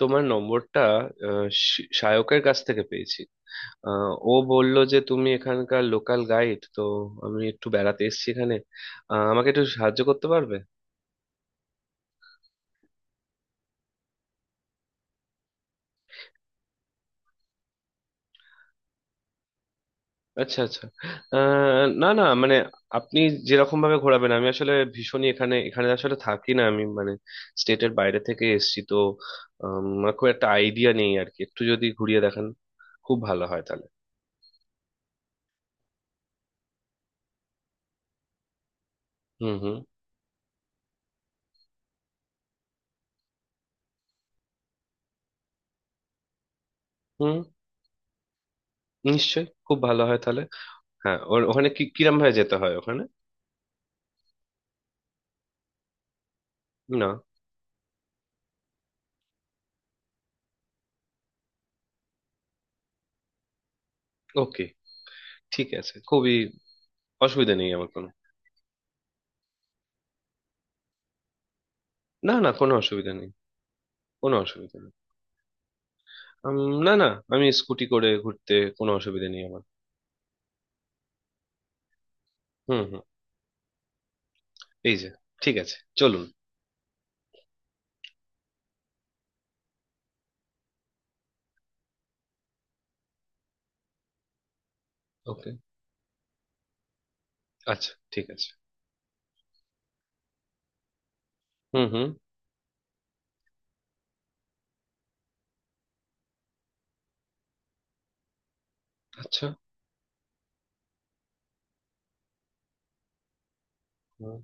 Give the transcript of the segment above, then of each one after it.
তোমার নম্বরটা আহ, সায়কের কাছ থেকে পেয়েছি। ও বলল যে তুমি এখানকার লোকাল গাইড, তো আমি একটু বেড়াতে এসেছি এখানে। আমাকে একটু সাহায্য করতে পারবে? আচ্ছা আচ্ছা। না না, মানে আপনি যেরকম ভাবে ঘোরাবেন, আমি আসলে ভীষণই এখানে এখানে আসলে থাকি না আমি, মানে স্টেটের বাইরে থেকে এসেছি তো। আমার খুব একটা আইডিয়া নেই আর কি, একটু যদি ঘুরিয়ে দেখান খুব ভালো হয় তাহলে। হুম হুম হুম, নিশ্চয়ই খুব ভালো হয় তাহলে। হ্যাঁ, ওর ওখানে কি কিরম ভাবে যেতে হয় ওখানে? না। ওকে, ঠিক আছে, খুবই অসুবিধা নেই আমার কোনো। না না, কোনো অসুবিধা নেই। কোনো অসুবিধা নেই। না না, আমি স্কুটি করে ঘুরতে কোনো অসুবিধা নেই আমার। হুম হুম, এই যে, ঠিক আছে চলুন। ওকে, আচ্ছা ঠিক আছে। হুম হুম। আচ্ছা। হুম।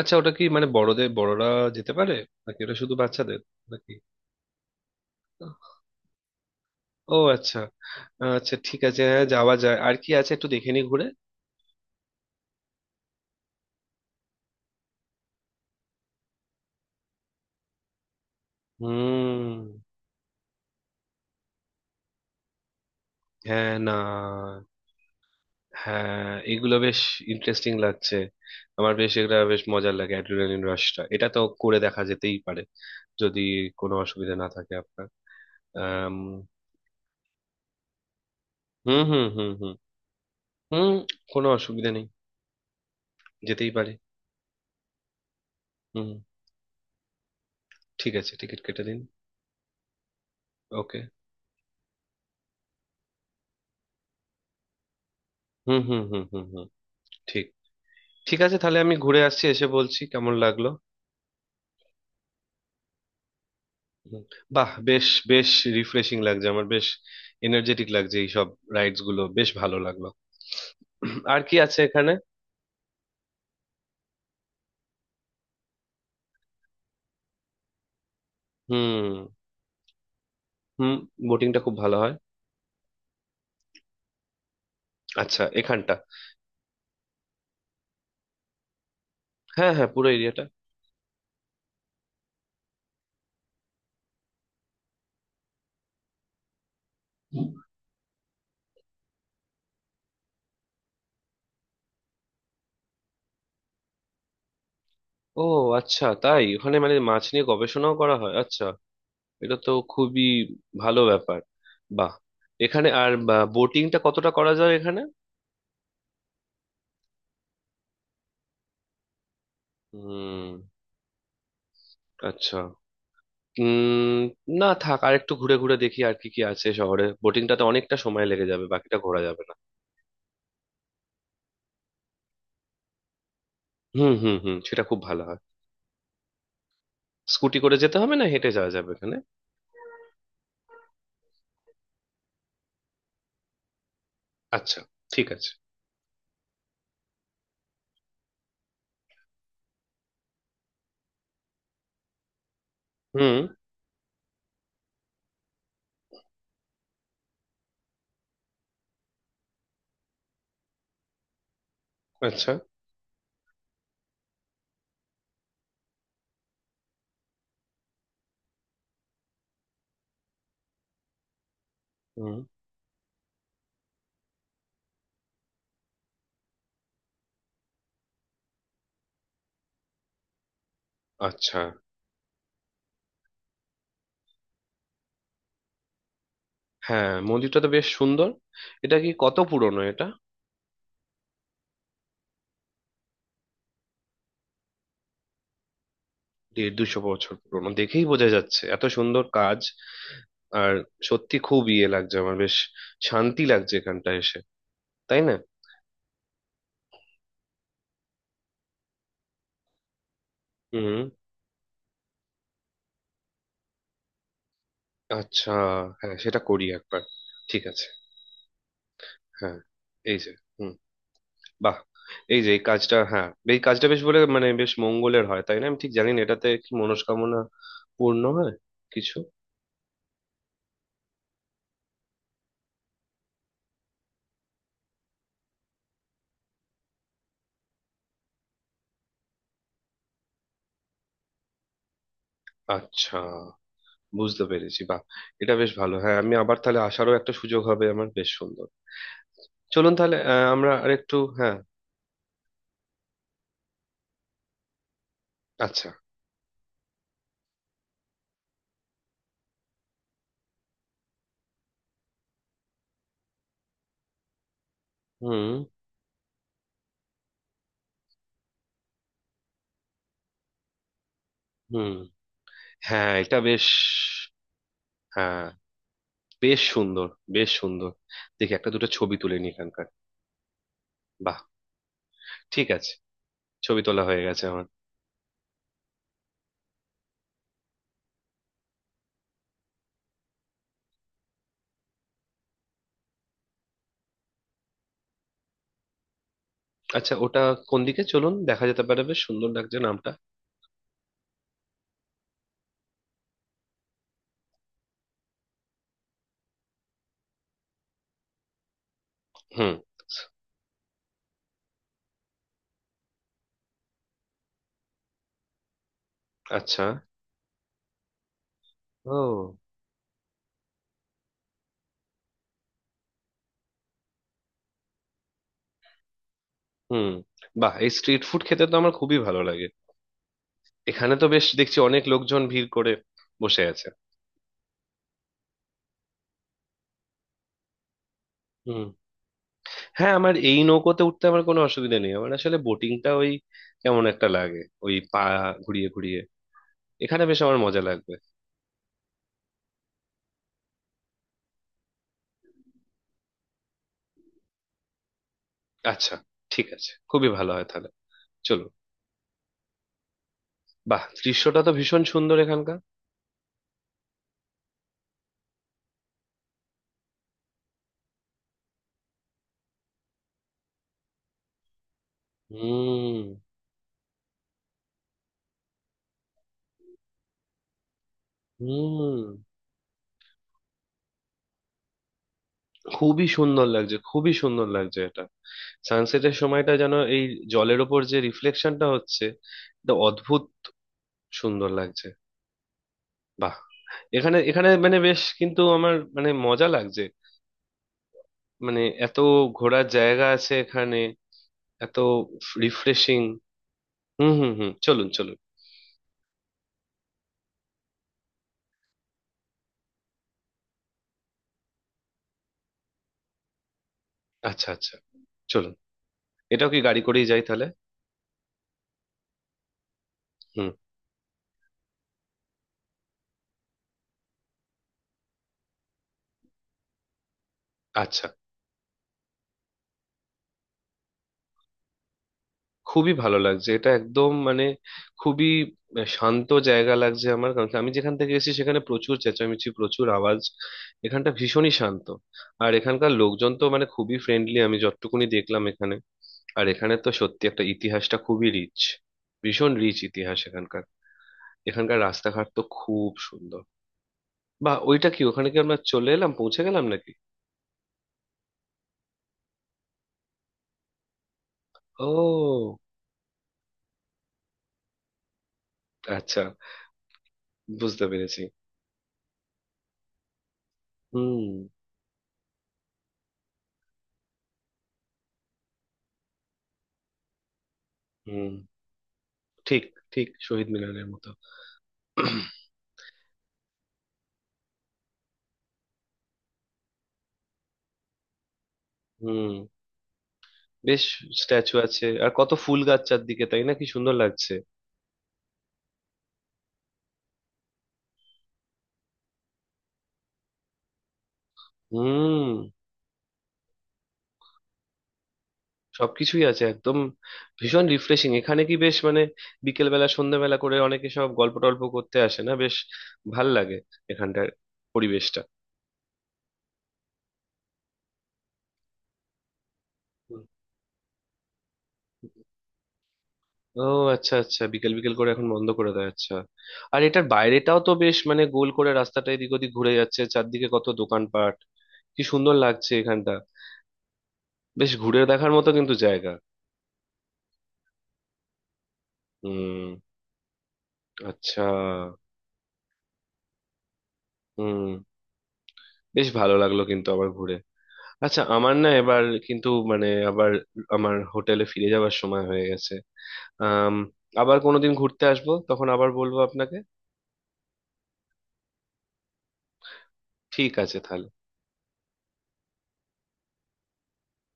আচ্ছা, ওটা কি মানে বড়দের, বড়রা যেতে পারে নাকি ওটা শুধু বাচ্চাদের? নাকি? ও আচ্ছা। আচ্ছা ঠিক আছে, হ্যাঁ যাওয়া যায়। আর কি আছে একটু দেখে নি ঘুরে। হুম। হ্যাঁ না, হ্যাঁ এগুলো বেশ ইন্টারেস্টিং লাগছে আমার। বেশ এটা বেশ মজার লাগে অ্যাড্রিনালিন রাশটা, এটা তো করে দেখা যেতেই পারে, যদি কোনো অসুবিধা না থাকে আপনার। আম, হুম হুম হুম হুম হুম, কোনো অসুবিধা নেই, যেতেই পারি। হুম, ঠিক আছে টিকিট কেটে দিন। ওকে। হুম হুম হুম হুম হুম, ঠিক, ঠিক আছে তাহলে আমি ঘুরে আসছি, এসে বলছি কেমন লাগলো। হুম, বাহ, বেশ বেশ রিফ্রেশিং লাগছে আমার, বেশ এনার্জেটিক লাগছে, এইসব রাইডস গুলো বেশ ভালো লাগলো। আর কি আছে এখানে? হুম হুম, বোটিংটা খুব ভালো হয়। আচ্ছা, এখানটা হ্যাঁ হ্যাঁ পুরো এরিয়াটা। ও আচ্ছা, তাই ওখানে মানে মাছ নিয়ে গবেষণাও করা হয়? আচ্ছা, এটা তো খুবই ভালো ব্যাপার। বাহ। এখানে আর বোটিংটা কতটা করা যায় এখানে? হুম, আচ্ছা। উম, না থাক, আর একটু ঘুরে ঘুরে দেখি আর কি কি আছে শহরে, বোটিংটাতে অনেকটা সময় লেগে যাবে, বাকিটা ঘোরা যাবে না। হুম হুম হুম, সেটা খুব ভালো হয়। স্কুটি করে যেতে হবে, না হেঁটে যাওয়া যাবে এখানে? আচ্ছা, ঠিক আছে। হুম। আচ্ছা। হুম। আচ্ছা। হ্যাঁ মন্দিরটা তো বেশ সুন্দর, এটা কি কত পুরনো এটা? দেড় দুশো বছর পুরনো দেখেই বোঝা যাচ্ছে, এত সুন্দর কাজ। আর সত্যি খুব ইয়ে লাগছে আমার, বেশ শান্তি লাগছে এখানটা এসে, তাই না? হুম, আচ্ছা, হ্যাঁ সেটা করি একবার। ঠিক আছে। হ্যাঁ, এই যে, হুম, বাহ, এই যে এই কাজটা, হ্যাঁ এই কাজটা বেশ, বলে মানে বেশ মঙ্গলের হয় তাই না? আমি ঠিক জানি না এটাতে কি মনস্কামনা পূর্ণ হয় কিছু। আচ্ছা, বুঝতে পেরেছি। বাহ, এটা বেশ ভালো, হ্যাঁ আমি আবার তাহলে আসারও একটা সুযোগ হবে আমার, বেশ সুন্দর। চলুন তাহলে, আমরা আরেকটু হ্যাঁ। আচ্ছা। হুম হুম। হ্যাঁ এটা বেশ, হ্যাঁ বেশ সুন্দর, বেশ সুন্দর। দেখি একটা দুটো ছবি তুলে নি এখানকার। বাহ, ঠিক আছে, ছবি তোলা হয়ে গেছে আমার। আচ্ছা, ওটা কোন দিকে? চলুন, দেখা যেতে পারে, বেশ সুন্দর লাগছে নামটা। হুম, আচ্ছা। ও। হুম। বাহ, এই স্ট্রিট ফুড খেতে তো আমার খুবই ভালো লাগে। এখানে তো বেশ দেখছি অনেক লোকজন ভিড় করে বসে আছে। হুম, হ্যাঁ আমার এই নৌকোতে উঠতে আমার কোনো অসুবিধা নেই, আমার আসলে বোটিংটা ওই কেমন একটা লাগে, ওই পা ঘুরিয়ে ঘুরিয়ে। এখানে বেশ আমার মজা লাগবে। আচ্ছা, ঠিক আছে, খুবই ভালো হয় তাহলে। চলো। বাহ, দৃশ্যটা তো ভীষণ সুন্দর এখানকার। হুম। হুম, খুবই সুন্দর লাগছে, খুবই সুন্দর লাগছে এটা। সানসেটের সময়টা যেন, এই জলের ওপর যে রিফ্লেকশনটা হচ্ছে, এটা অদ্ভুত সুন্দর লাগছে। বাহ। এখানে এখানে মানে বেশ কিন্তু আমার মানে মজা লাগছে, মানে এত ঘোরার জায়গা আছে এখানে, এত রিফ্রেশিং। হুম হুম হুম, চলুন চলুন। আচ্ছা আচ্ছা, চলুন। এটাও কি গাড়ি করেই যাই তাহলে? হুম। আচ্ছা, খুবই ভালো লাগছে, এটা একদম মানে খুবই শান্ত জায়গা লাগছে আমার, কারণ কি আমি যেখান থেকে এসেছি সেখানে প্রচুর চেঁচামেচি, প্রচুর আওয়াজ। এখানটা ভীষণই শান্ত। আর এখানকার লোকজন তো মানে খুবই ফ্রেন্ডলি, আমি যতটুকুনি দেখলাম এখানে। আর এখানে তো সত্যি একটা, ইতিহাসটা খুবই রিচ, ভীষণ রিচ ইতিহাস এখানকার। এখানকার রাস্তাঘাট তো খুব সুন্দর। বা, ওইটা কি? ওখানে কি আমরা চলে এলাম, পৌঁছে গেলাম নাকি? ও আচ্ছা, বুঝতে পেরেছি। হুম হুম, ঠিক, ঠিক শহীদ মিনারের মতো। হুম, বেশ, স্ট্যাচু আছে, আর কত ফুল গাছ চারদিকে, তাই না, কি সুন্দর লাগছে। হুম, সবকিছুই আছে একদম। ভীষণ রিফ্রেশিং, এখানে কি বেশ মানে, বিকেল বেলা সন্ধ্যাবেলা করে অনেকে সব গল্প টল্প করতে আসে না, বেশ ভাল লাগে এখানটার পরিবেশটা। ও আচ্ছা, আচ্ছা বিকেল বিকেল করে এখন বন্ধ করে দেয়, আচ্ছা। আর এটার বাইরেটাও তো বেশ মানে, গোল করে রাস্তাটা এদিক ওদিক ঘুরে যাচ্ছে, চারদিকে কত দোকানপাট, কি সুন্দর লাগছে এখানটা। বেশ ঘুরে দেখার মতো কিন্তু জায়গা। হুম, আচ্ছা। হুম, বেশ ভালো লাগলো, কিন্তু আবার ঘুরে, আচ্ছা আমার না এবার কিন্তু, মানে আবার আমার হোটেলে ফিরে যাওয়ার সময় হয়ে গেছে। আম, আবার কোনোদিন ঘুরতে আসবো তখন আবার বলবো আপনাকে। ঠিক আছে তাহলে।